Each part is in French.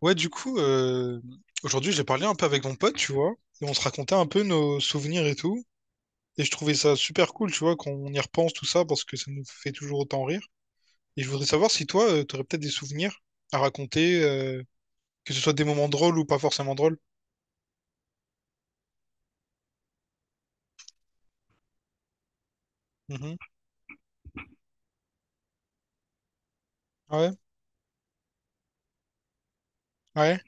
Ouais, du coup, aujourd'hui, j'ai parlé un peu avec mon pote, tu vois, et on se racontait un peu nos souvenirs et tout. Et je trouvais ça super cool, tu vois, quand on y repense tout ça, parce que ça nous fait toujours autant rire. Et je voudrais savoir si toi, t'aurais peut-être des souvenirs à raconter, que ce soit des moments drôles ou pas forcément drôles. Mhm. Ouais, ouais.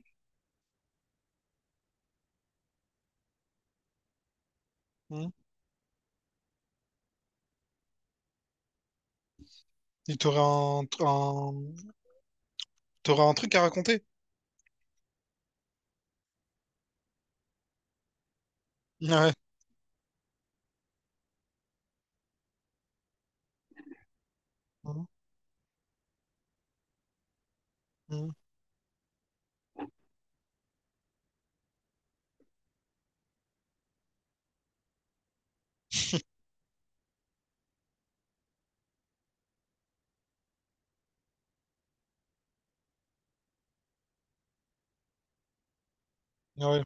Mhm. Et t'aurais t'aurais un truc à raconter. Ouais. Mhm. Mhm. Ouais.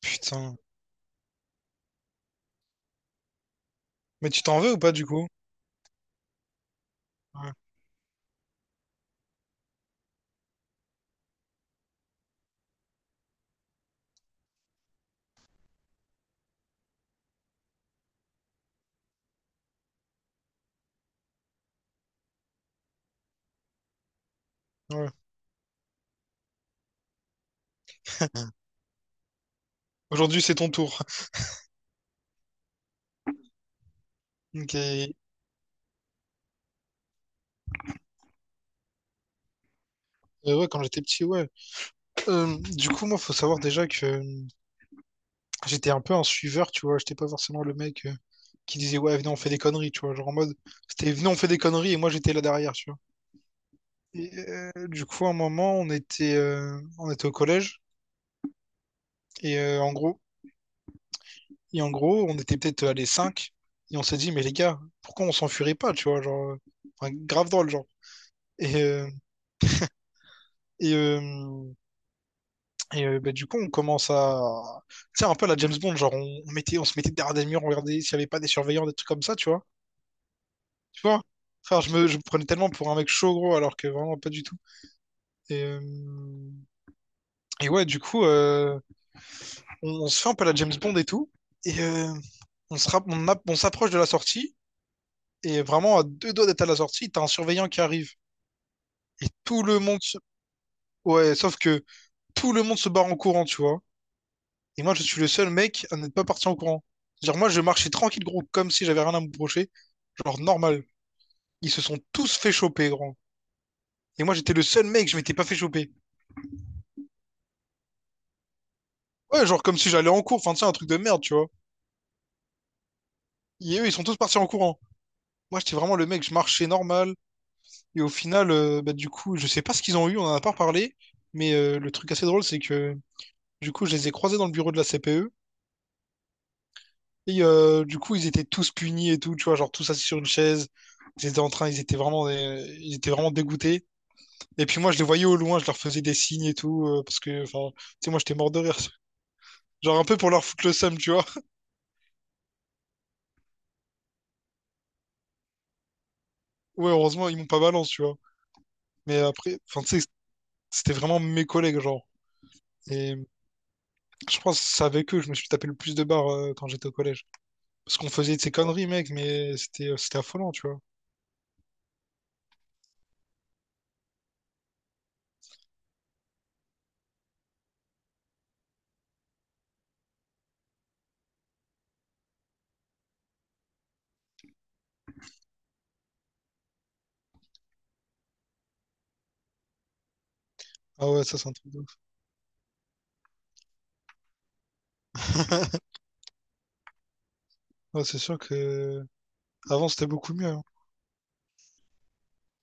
Putain. Mais tu t'en veux ou pas, du coup? Ouais. Ouais. Aujourd'hui, c'est ton tour. Ok. Ouais, quand j'étais petit, ouais. Du coup, moi, faut savoir déjà que j'étais un peu un suiveur, tu vois. J'étais pas forcément le mec qui disait, ouais, venez, on fait des conneries, tu vois. Genre en mode, c'était, venez, on fait des conneries, et moi, j'étais là derrière, tu vois. Et, du coup, à un moment, on était au collège, et en gros, on était peut-être à les 5 et on s'est dit, mais les gars, pourquoi on s'enfuirait pas, tu vois, genre, enfin, grave drôle, genre. Et, euh, et, euh, bah, du coup, tu sais, un peu à la James Bond, genre, on mettait, on se mettait derrière des murs, on regardait s'il y avait pas des surveillants, des trucs comme ça, tu vois. Tu vois? Enfin, je me prenais tellement pour un mec chaud, gros, alors que vraiment pas du tout. Et, euh, et ouais, du coup, on se fait un peu la James Bond et tout. Et on se rapp- on app- on s'approche de la sortie. Et vraiment, à deux doigts d'être à la sortie, t'as un surveillant qui arrive. Et tout le monde se... Ouais, sauf que tout le monde se barre en courant, tu vois. Et moi, je suis le seul mec à n'être pas parti en courant. Genre, moi, je marchais tranquille, gros, comme si j'avais rien à me reprocher. Genre, normal. Ils se sont tous fait choper, gros. Et moi, j'étais le seul mec, je m'étais pas fait choper. Ouais, genre comme si j'allais en cours, enfin, tu sais, un truc de merde, tu vois. Et eux, ils sont tous partis en courant. Moi, j'étais vraiment le mec, je marchais normal. Et au final, bah, du coup, je sais pas ce qu'ils ont eu, on en a pas parlé. Mais le truc assez drôle, c'est que du coup, je les ai croisés dans le bureau de la CPE. Et du coup, ils étaient tous punis et tout, tu vois, genre tous assis sur une chaise. Ils étaient vraiment dégoûtés. Et puis moi, je les voyais au loin, je leur faisais des signes et tout, parce que, enfin, tu sais, moi, j'étais mort de rire. Genre un peu pour leur foutre le seum, tu vois. Ouais, heureusement, ils m'ont pas balance, tu vois. Mais après, enfin, tu sais, c'était vraiment mes collègues, genre. Et je pense que c'est avec eux que je me suis tapé le plus de barres quand j'étais au collège. Parce qu'on faisait de ces conneries, mec, mais c'était c'était affolant, tu vois. Ah ouais, ça, c'est un truc de ouf. Ouais, c'est sûr que avant, c'était beaucoup mieux, hein.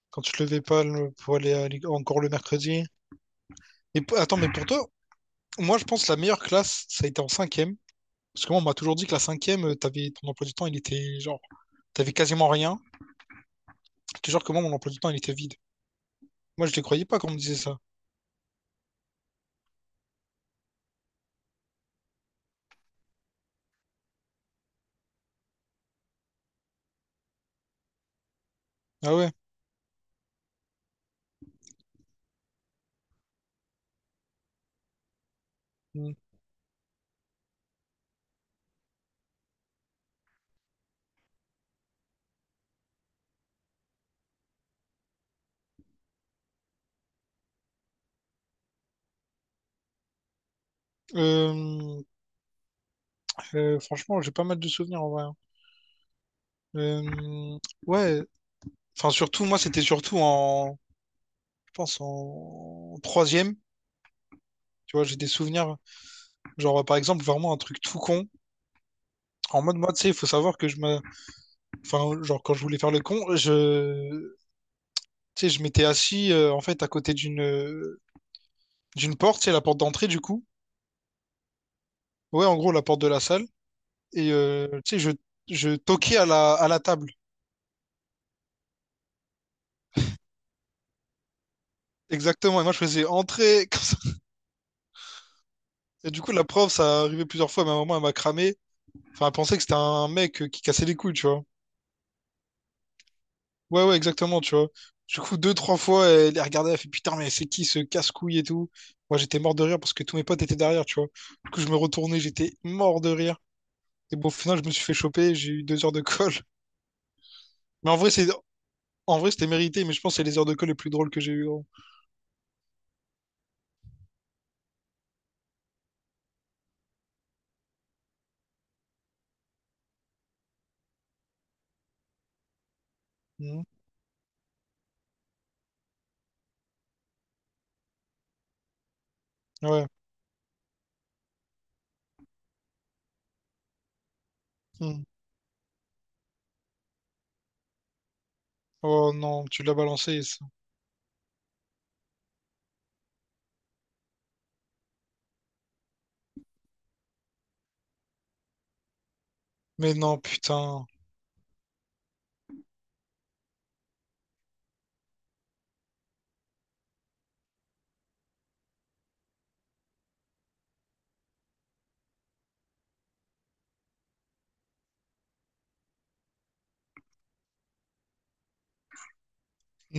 Quand tu te levais pas le- pour aller à l'é- encore le mercredi. Et p- attends, mais pour toi, moi, je pense que la meilleure classe, ça a été en cinquième. Parce que moi, on m'a toujours dit que la cinquième, t'avais ton emploi du temps, il était genre, t'avais quasiment rien. Je te jure que moi, mon emploi du temps, il était vide. Moi, je les croyais pas quand on me disait ça. Ah ouais. Mm. Euh, franchement, j'ai pas mal de souvenirs en vrai, hein. Euh, ouais, enfin surtout, moi c'était surtout en, je pense en troisième. Tu vois, j'ai des souvenirs, genre par exemple vraiment un truc tout con. En mode moi, tu sais, il faut savoir que enfin genre quand je voulais faire le con, tu sais, je m'étais assis en fait à côté d'une porte, c'est la porte d'entrée du coup. Ouais, en gros la porte de la salle. Et tu sais, je toquais à la table. Exactement. Et moi je faisais entrer. comme ça. Et du coup la prof, ça arrivait plusieurs fois, mais à un moment elle m'a cramé. Enfin, elle pensait que c'était un mec qui cassait les couilles, tu vois. Ouais, ouais, exactement, tu vois. Du coup, deux, trois fois, elle les regardait, elle fait putain, mais c'est qui ce casse-couille et tout. Moi, j'étais mort de rire parce que tous mes potes étaient derrière, tu vois. Du coup, je me retournais, j'étais mort de rire. Et bon, au final, je me suis fait choper, j'ai eu deux heures de colle. Mais en vrai, en vrai, c'était mérité, mais je pense que c'est les heures de colle les plus drôles que j'ai eues, gros. Mhm. Ouais. Mhm. Oh non, tu l'as balancé, ça. Mais non, putain.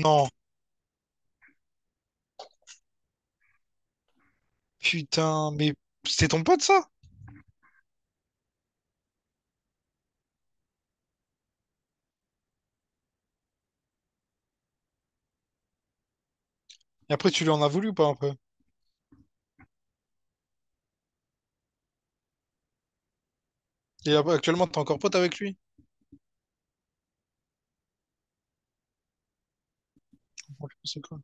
Non, putain, mais c'est ton pote, ça? Et après, tu lui en as voulu ou pas un peu? Et ab- actuellement, t'es encore pote avec lui? Oh, c'est quoi?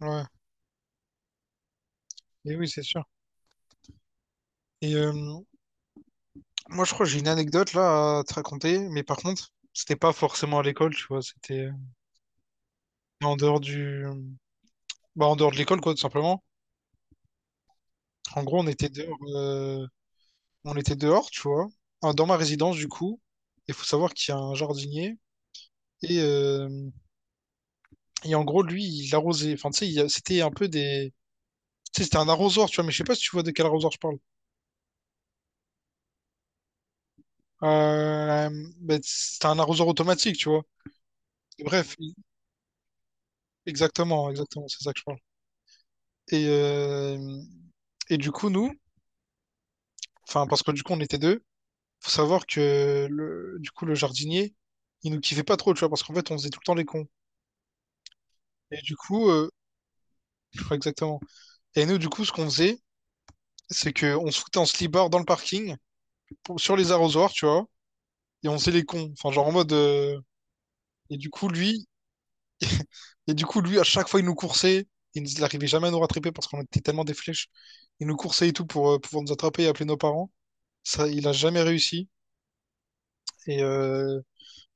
Ouais, et oui, c'est sûr. Et moi, je crois que j'ai une anecdote là à te raconter, mais par contre, c'était pas forcément à l'école, tu vois, c'était en dehors du... Bah, en dehors de l'école, quoi, tout simplement. En gros, on était dehors, tu vois, ah, dans ma résidence, du coup. Il faut savoir qu'il y a un jardinier. Et euh, Et en gros, lui, il arrosait. Enfin, tu sais, il- c'était un peu des. Tu sais, c'était un arrosoir, tu vois, mais je sais pas si tu vois de quel arrosoir je parle. Euh, ben, c'était un arrosoir automatique, tu vois. Et bref, il- exactement, exactement, c'est ça que je parle. Et, euh, et du coup, nous, enfin, parce que du coup, on était deux, faut savoir que le, du coup, le jardinier, il nous kiffait pas trop, tu vois, parce qu'en fait, on faisait tout le temps les cons. Et du coup, je crois exactement. Et nous, du coup, ce qu'on faisait, c'est que on se foutait en slibard dans le parking, pour- sur les arrosoirs, tu vois, et on faisait les cons. Enfin, genre en mode, Et du coup, lui, et du coup, lui, à chaque fois, il nous coursait. Il nous- il arrivait jamais à nous rattraper parce qu'on était tellement des flèches. Il nous coursait et tout pour pouvoir nous attraper et appeler nos parents. Ça, il a jamais réussi. Et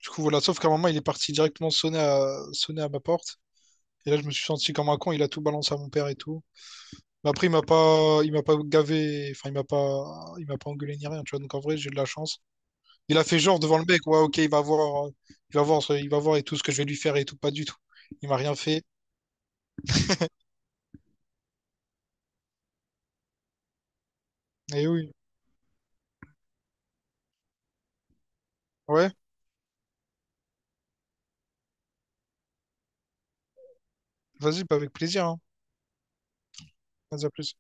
du coup, voilà. Sauf qu'à un moment, il est parti directement sonner sonner à ma porte. Et là, je me suis senti comme un con. Il a tout balancé à mon père et tout. Mais après, il m'a pas gavé. Enfin, il m'a pas engueulé ni rien. Tu vois. Donc en vrai, j'ai de la chance. Il a fait genre devant le mec. Ouais, ok, il va voir et tout ce que je vais lui faire et tout. Pas du tout. Il m'a rien fait. Et oui. Ouais. Vas-y, bah, avec plaisir, hein. Vas-y, à plus.